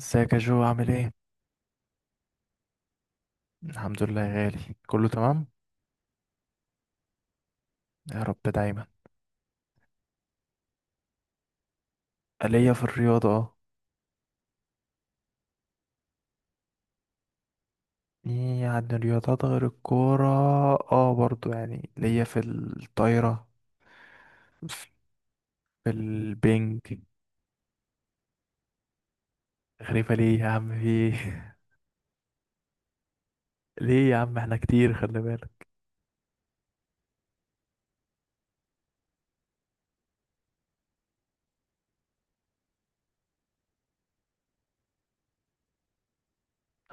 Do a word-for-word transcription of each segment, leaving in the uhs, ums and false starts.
ازيك يا جو، عامل ايه؟ الحمد لله يا غالي، كله تمام؟ يا رب دايما. ليا في الرياضة، اه. يعني رياضات غير الكورة. اه، برضو يعني ليا في الطايرة. في البنج. غريبة ليه يا عم، في ايه؟ ليه يا عم؟ احنا كتير، خلي بالك.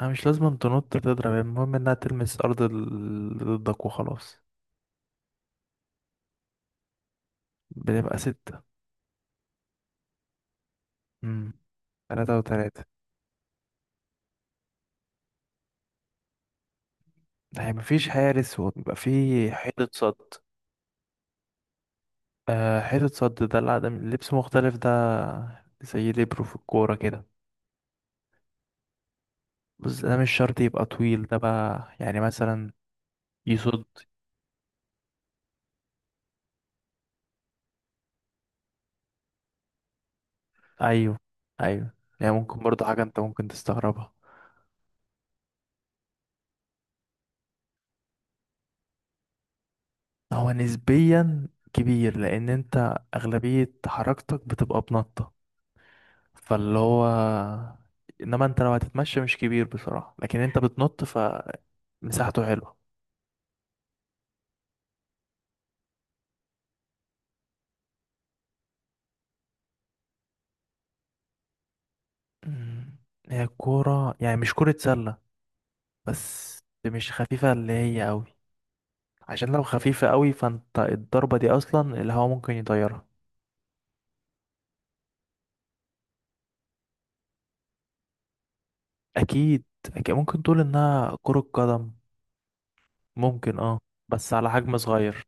انا مش لازم تنط تضرب، المهم انها تلمس ارض اللي ضدك وخلاص. بنبقى ستة. امم. تلاتة وتلاتة. يعني مفيش حارس وبيبقى في حيطة صد. آه، حتة صد دلع ده العدم، لبس مختلف ده. زي ليبرو في الكورة كده. بس ده مش شرط يبقى طويل، ده بقى يعني مثلا. يصد. أيوه، أيوه. يعني ممكن برضه حاجة أنت ممكن تستغربها. هو نسبيا كبير، لأن أنت أغلبية حركتك بتبقى بنطة. فاللي هو، إنما أنت لو هتتمشى مش كبير بصراحة، لكن أنت بتنط فمساحته حلوة. مم. هي الكورة يعني مش كرة سلة. بس مش خفيفة اللي هي أوي، عشان لو خفيفة قوي فانت الضربة دي اصلا الهوا ممكن يطيرها. اكيد، اكيد ممكن تقول انها كرة قدم. ممكن، اه. بس على حجم صغير.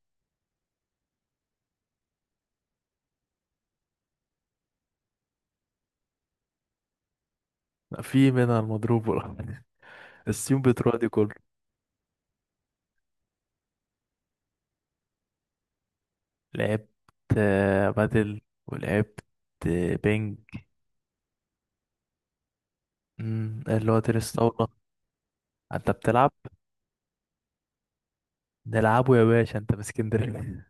في منها المضروب والحاجات دي. السيوم بتروح دي كله. لعبت آه، بادل. ولعبت آه، بينج. مم، اللي هو تنس طاولة. انت بتلعب. نلعبه يا باشا، انت من اسكندرية.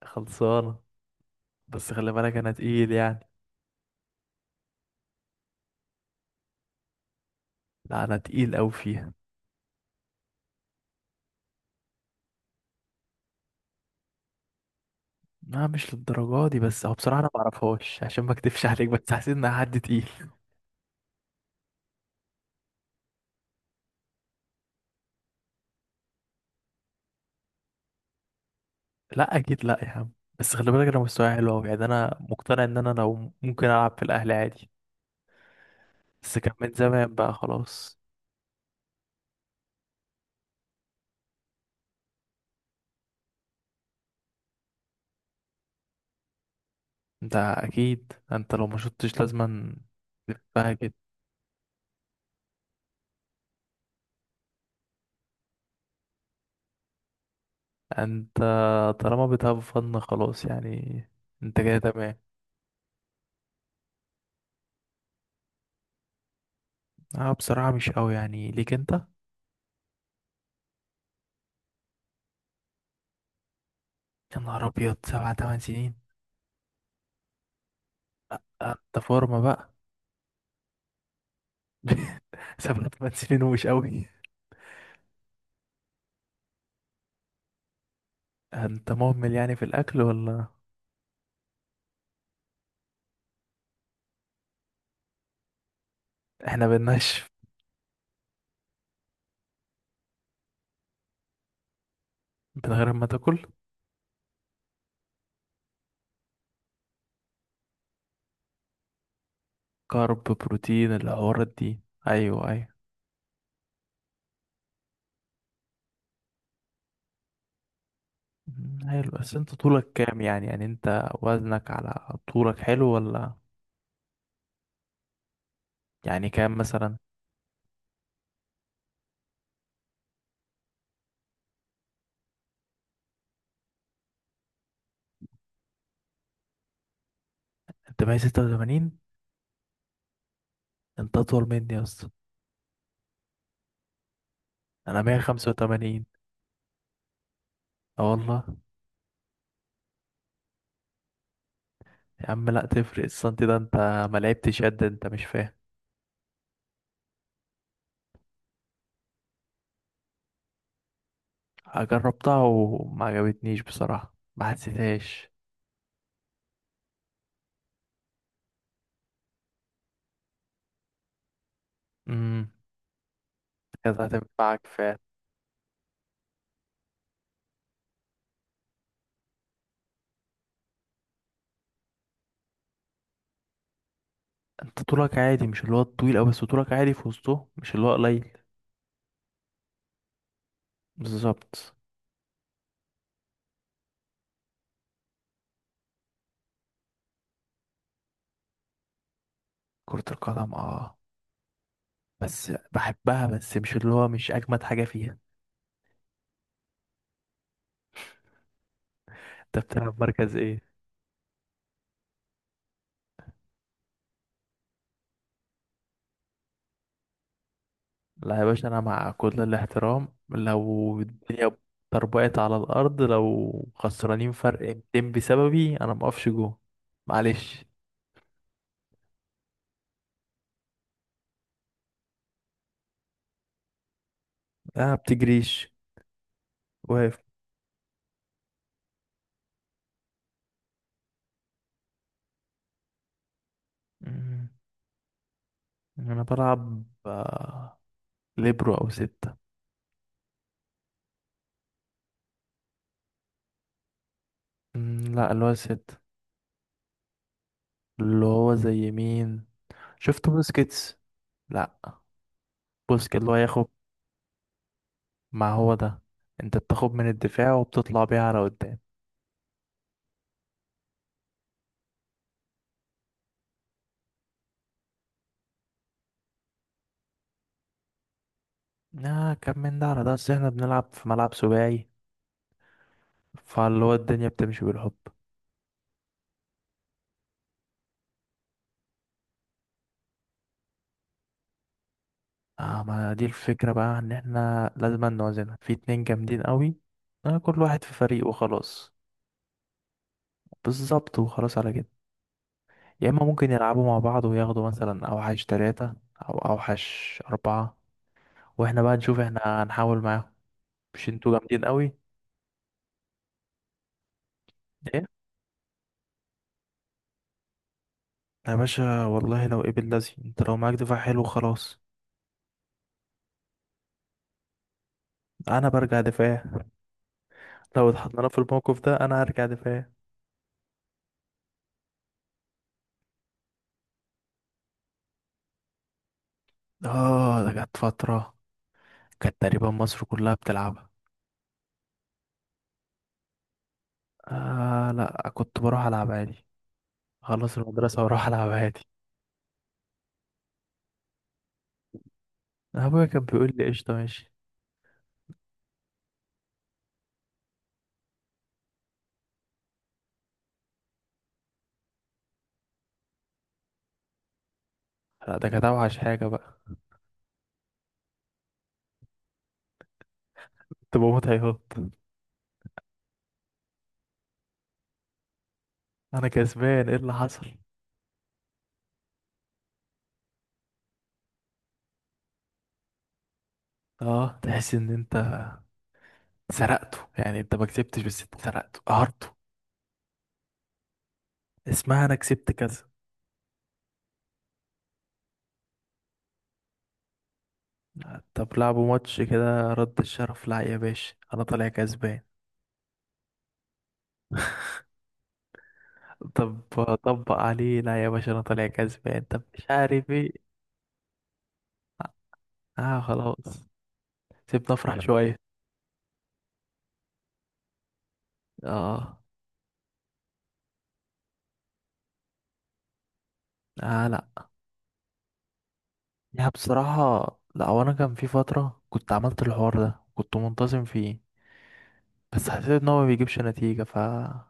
خلصانة. بس خلي بالك، انا تقيل يعني. لا، انا تقيل اوي فيها. لا، مش للدرجة دي، بس هو بصراحة أنا معرفهاش عشان ما أكدبش عليك، بس حسيت إنها حد تقيل. لا أكيد، لا يا عم. بس خلي بالك، أنا مستواي حلو أوي يعني أنا مقتنع إن أنا لو ممكن ألعب في الأهلي عادي. بس كان من زمان بقى خلاص. أنت أكيد أنت لو ما شطتش لازما تلفها كده. أنت طالما بتهاف فن خلاص يعني. أنت كده تمام. أه، بصراحة مش أوي يعني ليك أنت. يا نهار أبيض، سبع تمن سنين؟ لأ، أنت فورمة بقى. سبع تمن سنين ومش أوي؟ انت مهمل يعني في الاكل ولا؟ احنا بننشف من غير ما تاكل؟ كارب بروتين الحوارات دي. ايوه، ايوه. مم، حلو. بس انت طولك كام؟ يعني يعني انت وزنك على طولك حلو ولا؟ يعني كام مثلا؟ انت مية ستة وتمانين؟ انت اطول مني يا اسطى. انا مية خمسة وتمانين. اه والله يا عم، لا تفرق السنتي ده، انت ما لعبتش قد انت، مش فاهم. جربتها وما عجبتنيش بصراحة، ما حسيتهاش. امم. كانت هتنفعك. انت طولك عادي، مش اللي هو الطويل أوي، بس طولك عادي في وسطه، مش اللي هو قليل. بالظبط. كرة القدم، اه. بس بحبها، بس مش اللي هو مش أجمد حاجة فيها. انت بتلعب مركز ايه؟ لا يا باشا، أنا مع كل الاحترام لو الدنيا طربقت على الأرض، لو خسرانين فرق ميتين بسببي، أنا مقفش جوه. معلش. لا بتجريش، واقف. مم. أنا بلعب آه، ليبرو أو ستة. مم، لا، اللي هو ستة. اللي هو زي مين؟ شفت بوسكيتس. لا، بوسكيت اللي هو ياخد. ما هو ده، انت بتاخد من الدفاع وبتطلع بيها على قدام. آه كم من ده على ده، اصل احنا بنلعب في ملعب سباعي. فاللي هو الدنيا بتمشي بالحب. اه، ما دي الفكرة بقى، ان احنا لازم نوازنها في اتنين جامدين قوي. آه، كل واحد في فريق وخلاص. بالظبط، وخلاص على كده. يا اما ممكن يلعبوا مع بعض وياخدوا مثلا اوحش تلاتة، او اوحش اربعة، واحنا بقى نشوف، احنا هنحاول معاهم. مش انتوا جامدين قوي. يا باشا والله، لو قبل لازم، انت لو معاك دفاع حلو خلاص. انا برجع دفاع. لو اتحطينا في الموقف ده انا هرجع دفاع. اه، ده كانت فترة، كانت تقريبا مصر كلها بتلعبها. آه لا، كنت بروح العب عادي، خلص المدرسة واروح العب عادي. ابويا كان بيقول لي قشطة ماشي. لا، ده كانت اوحش حاجة بقى. كنت بموت عياط. انا كسبان ايه اللي حصل؟ اه، تحس ان انت سرقته، يعني انت ما كسبتش بس انت سرقته قهرته. اسمها انا كسبت كذا. طب لعبوا ماتش كده رد الشرف، لا يا باشا، انا طالع كسبان. طب طبق عليه، لا يا باشا، انا طالع كسبان، طب مش عارف ايه. اه، خلاص. سيبنا افرح شويه. اه، اه، لا يا بصراحه. لا، هو انا كان في فتره كنت عملت الحوار ده، كنت منتظم فيه. بس حسيت ان هو ما بيجيبش نتيجه، ف لا.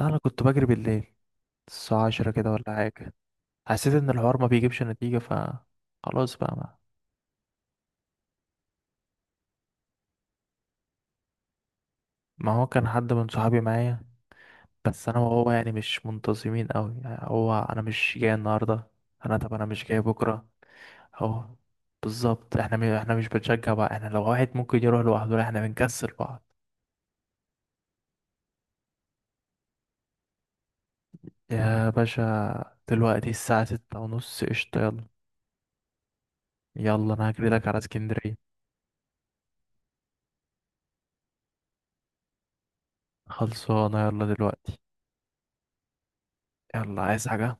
انا كنت بجري بالليل، الساعه عشرة كده ولا حاجه. حسيت ان الحوار ما بيجيبش نتيجه، ف خلاص بقى ما. ما هو كان حد من صحابي معايا، بس انا وهو يعني مش منتظمين قوي، يعني هو انا مش جاي النهارده، انا طب انا مش جاي بكره. هو، بالظبط. احنا م... احنا مش بنشجع بعض، احنا لو واحد ممكن يروح لوحده، لا، احنا بنكسل بعض. يا باشا دلوقتي الساعة ستة ونص، قشطة، يلا. يلا انا هجري لك على اسكندرية. خلصانة، يلا دلوقتي. يلا، عايز حاجة؟